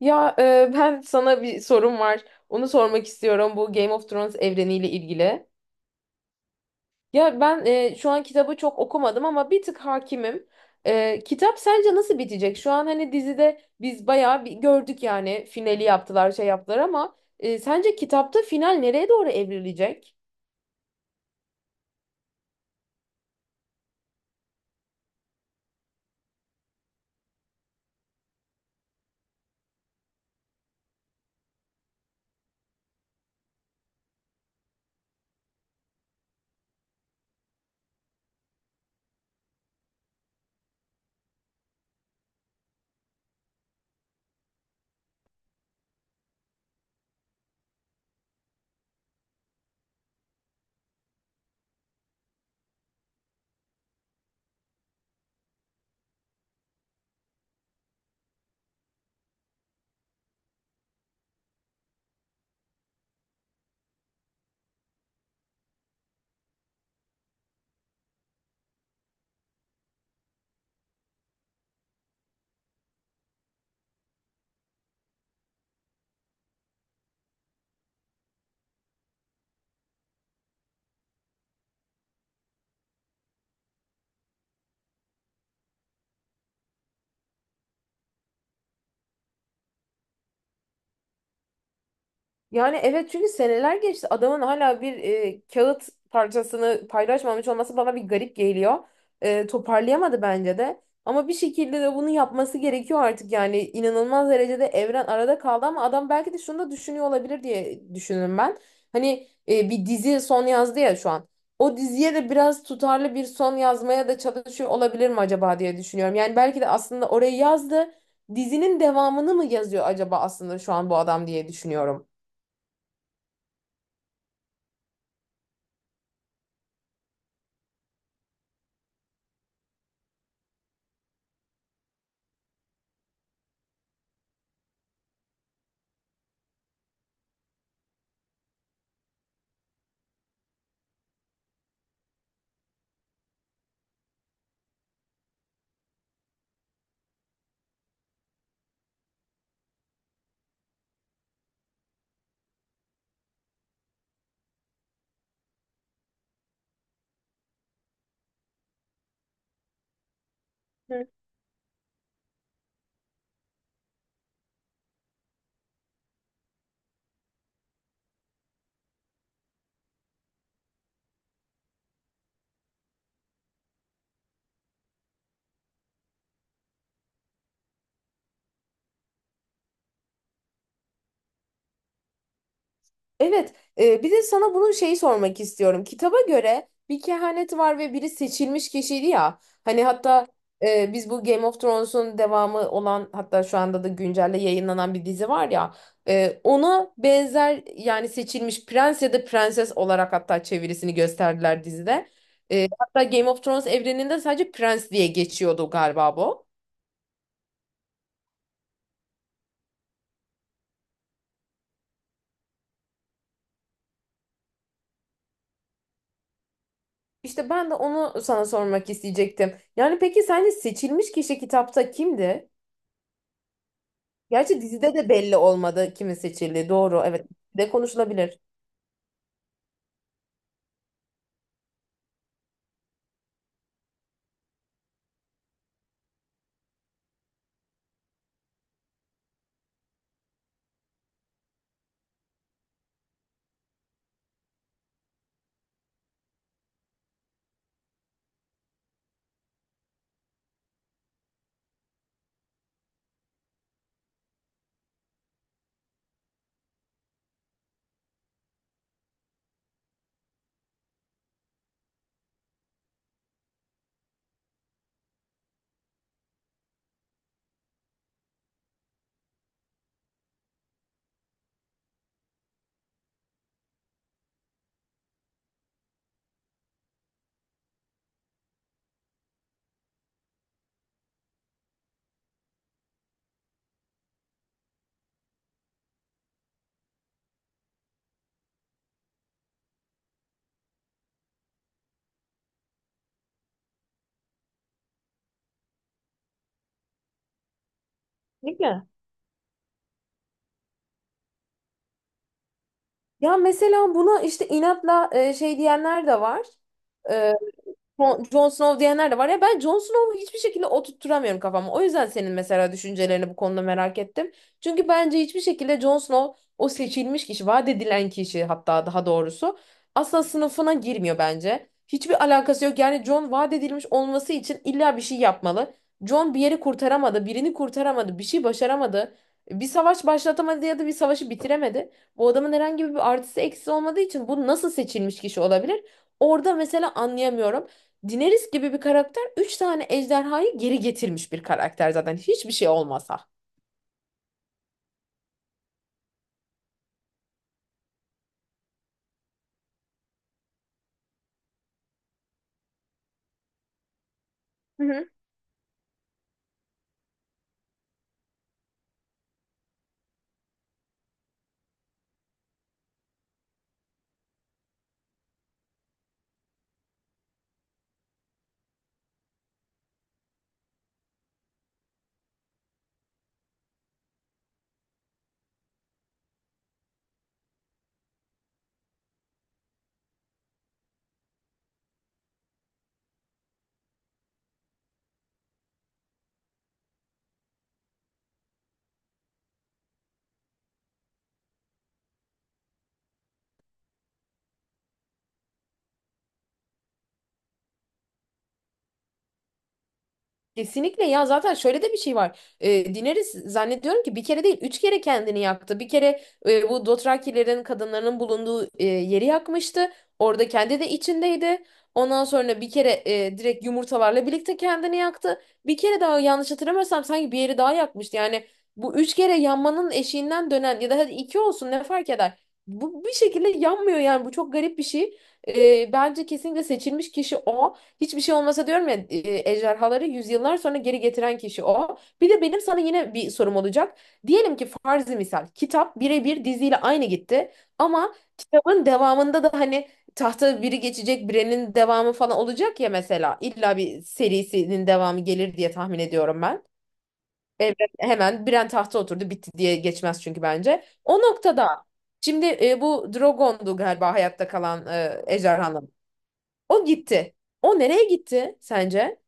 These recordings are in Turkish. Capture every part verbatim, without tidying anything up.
Ya e, ben sana bir sorum var. Onu sormak istiyorum bu Game of Thrones evreniyle ilgili. Ya ben e, şu an kitabı çok okumadım ama bir tık hakimim. E, kitap sence nasıl bitecek? Şu an hani dizide biz bayağı bir gördük yani finali yaptılar şey yaptılar ama e, sence kitapta final nereye doğru evrilecek? Yani evet çünkü seneler geçti. Adamın hala bir e, kağıt parçasını paylaşmamış olması bana bir garip geliyor. E, toparlayamadı bence de. Ama bir şekilde de bunu yapması gerekiyor artık yani inanılmaz derecede evren arada kaldı ama adam belki de şunu da düşünüyor olabilir diye düşünürüm ben. Hani e, bir dizi son yazdı ya şu an. O diziye de biraz tutarlı bir son yazmaya da çalışıyor olabilir mi acaba diye düşünüyorum. Yani belki de aslında orayı yazdı. Dizinin devamını mı yazıyor acaba aslında şu an bu adam diye düşünüyorum. Hı. Evet, e, bir de sana bunun şeyi sormak istiyorum. Kitaba göre bir kehanet var ve biri seçilmiş kişiydi ya. Hani hatta e, biz bu Game of Thrones'un devamı olan hatta şu anda da güncelde yayınlanan bir dizi var ya. E, ona benzer yani seçilmiş prens ya da prenses olarak hatta çevirisini gösterdiler dizide. E, hatta Game of Thrones evreninde sadece prens diye geçiyordu galiba bu. İşte ben de onu sana sormak isteyecektim. Yani peki sence seçilmiş kişi kitapta kimdi? Gerçi dizide de belli olmadı kimin seçildiği. Doğru, evet. De konuşulabilir. Kesinlikle. Ya mesela buna işte inatla e, şey diyenler de var. E, Jon Jon Snow diyenler de var ya ben Jon Snow'u hiçbir şekilde oturtturamıyorum kafama. O yüzden senin mesela düşüncelerini bu konuda merak ettim. Çünkü bence hiçbir şekilde Jon Snow o seçilmiş kişi, vaat edilen kişi hatta daha doğrusu asla sınıfına girmiyor bence. Hiçbir alakası yok. Yani Jon vaat edilmiş olması için illa bir şey yapmalı. Jon bir yeri kurtaramadı, birini kurtaramadı, bir şey başaramadı. Bir savaş başlatamadı ya da bir savaşı bitiremedi. Bu adamın herhangi bir artısı eksisi olmadığı için bu nasıl seçilmiş kişi olabilir? Orada mesela anlayamıyorum. Daenerys gibi bir karakter üç tane ejderhayı geri getirmiş bir karakter zaten hiçbir şey olmasa. Hı hı. Kesinlikle ya zaten şöyle de bir şey var. E, Daenerys zannediyorum ki bir kere değil üç kere kendini yaktı. Bir kere e, bu Dothrakilerin kadınlarının bulunduğu e, yeri yakmıştı. Orada kendi de içindeydi. Ondan sonra bir kere e, direkt yumurtalarla birlikte kendini yaktı. Bir kere daha yanlış hatırlamıyorsam sanki bir yeri daha yakmıştı. Yani bu üç kere yanmanın eşiğinden dönen ya da hadi iki olsun ne fark eder. Bu bir şekilde yanmıyor yani bu çok garip bir şey. E, bence kesinlikle seçilmiş kişi o. Hiçbir şey olmasa diyorum ya e, ejderhaları yüzyıllar sonra geri getiren kişi o. Bir de benim sana yine bir sorum olacak. Diyelim ki farzi misal kitap birebir diziyle aynı gitti ama kitabın devamında da hani tahta biri geçecek birinin devamı falan olacak ya mesela. İlla bir serisinin devamı gelir diye tahmin ediyorum ben. Evren hemen Bren tahta oturdu bitti diye geçmez çünkü bence. O noktada şimdi e, bu Drogon'du galiba hayatta kalan e, ejderhanın. O gitti. O nereye gitti sence?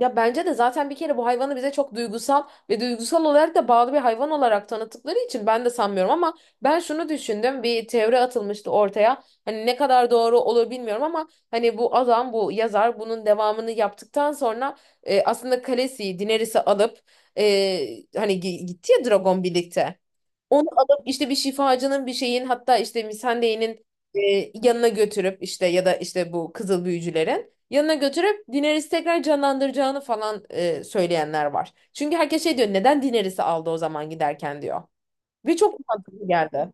Ya bence de zaten bir kere bu hayvanı bize çok duygusal ve duygusal olarak da bağlı bir hayvan olarak tanıttıkları için ben de sanmıyorum ama ben şunu düşündüm bir teori atılmıştı ortaya hani ne kadar doğru olur bilmiyorum ama hani bu adam bu yazar bunun devamını yaptıktan sonra e, aslında Khaleesi'yi Daenerys'i alıp e, hani gi- gitti ya Dragon birlikte. Onu alıp işte bir şifacının bir şeyin hatta işte misandeyinin e, yanına götürüp işte ya da işte bu kızıl büyücülerin yanına götürüp Daenerys'i tekrar canlandıracağını falan e, söyleyenler var. Çünkü herkes şey diyor neden Daenerys'i aldı o zaman giderken diyor. Ve çok mantıklı geldi.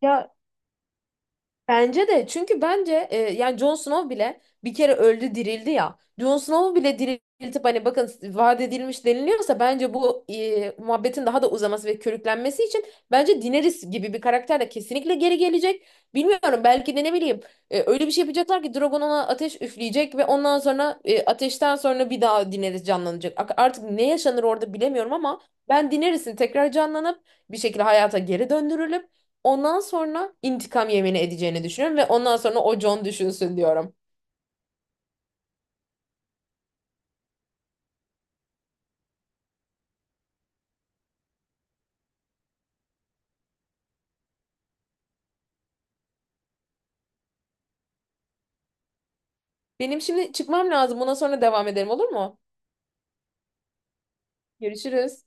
Ya bence de çünkü bence e, yani Jon Snow bile bir kere öldü dirildi ya. Jon Snow'u bile diriltip hani bakın vaat edilmiş deniliyorsa bence bu e, muhabbetin daha da uzaması ve körüklenmesi için bence Daenerys gibi bir karakter de kesinlikle geri gelecek. Bilmiyorum belki de ne bileyim e, öyle bir şey yapacaklar ki Drogon ona ateş üfleyecek ve ondan sonra e, ateşten sonra bir daha Daenerys canlanacak. Ak- Artık ne yaşanır orada bilemiyorum ama ben Daenerys'in tekrar canlanıp bir şekilde hayata geri döndürülüp ondan sonra intikam yemini edeceğini düşünüyorum ve ondan sonra o John düşünsün diyorum. Benim şimdi çıkmam lazım. Buna sonra devam edelim olur mu? Görüşürüz.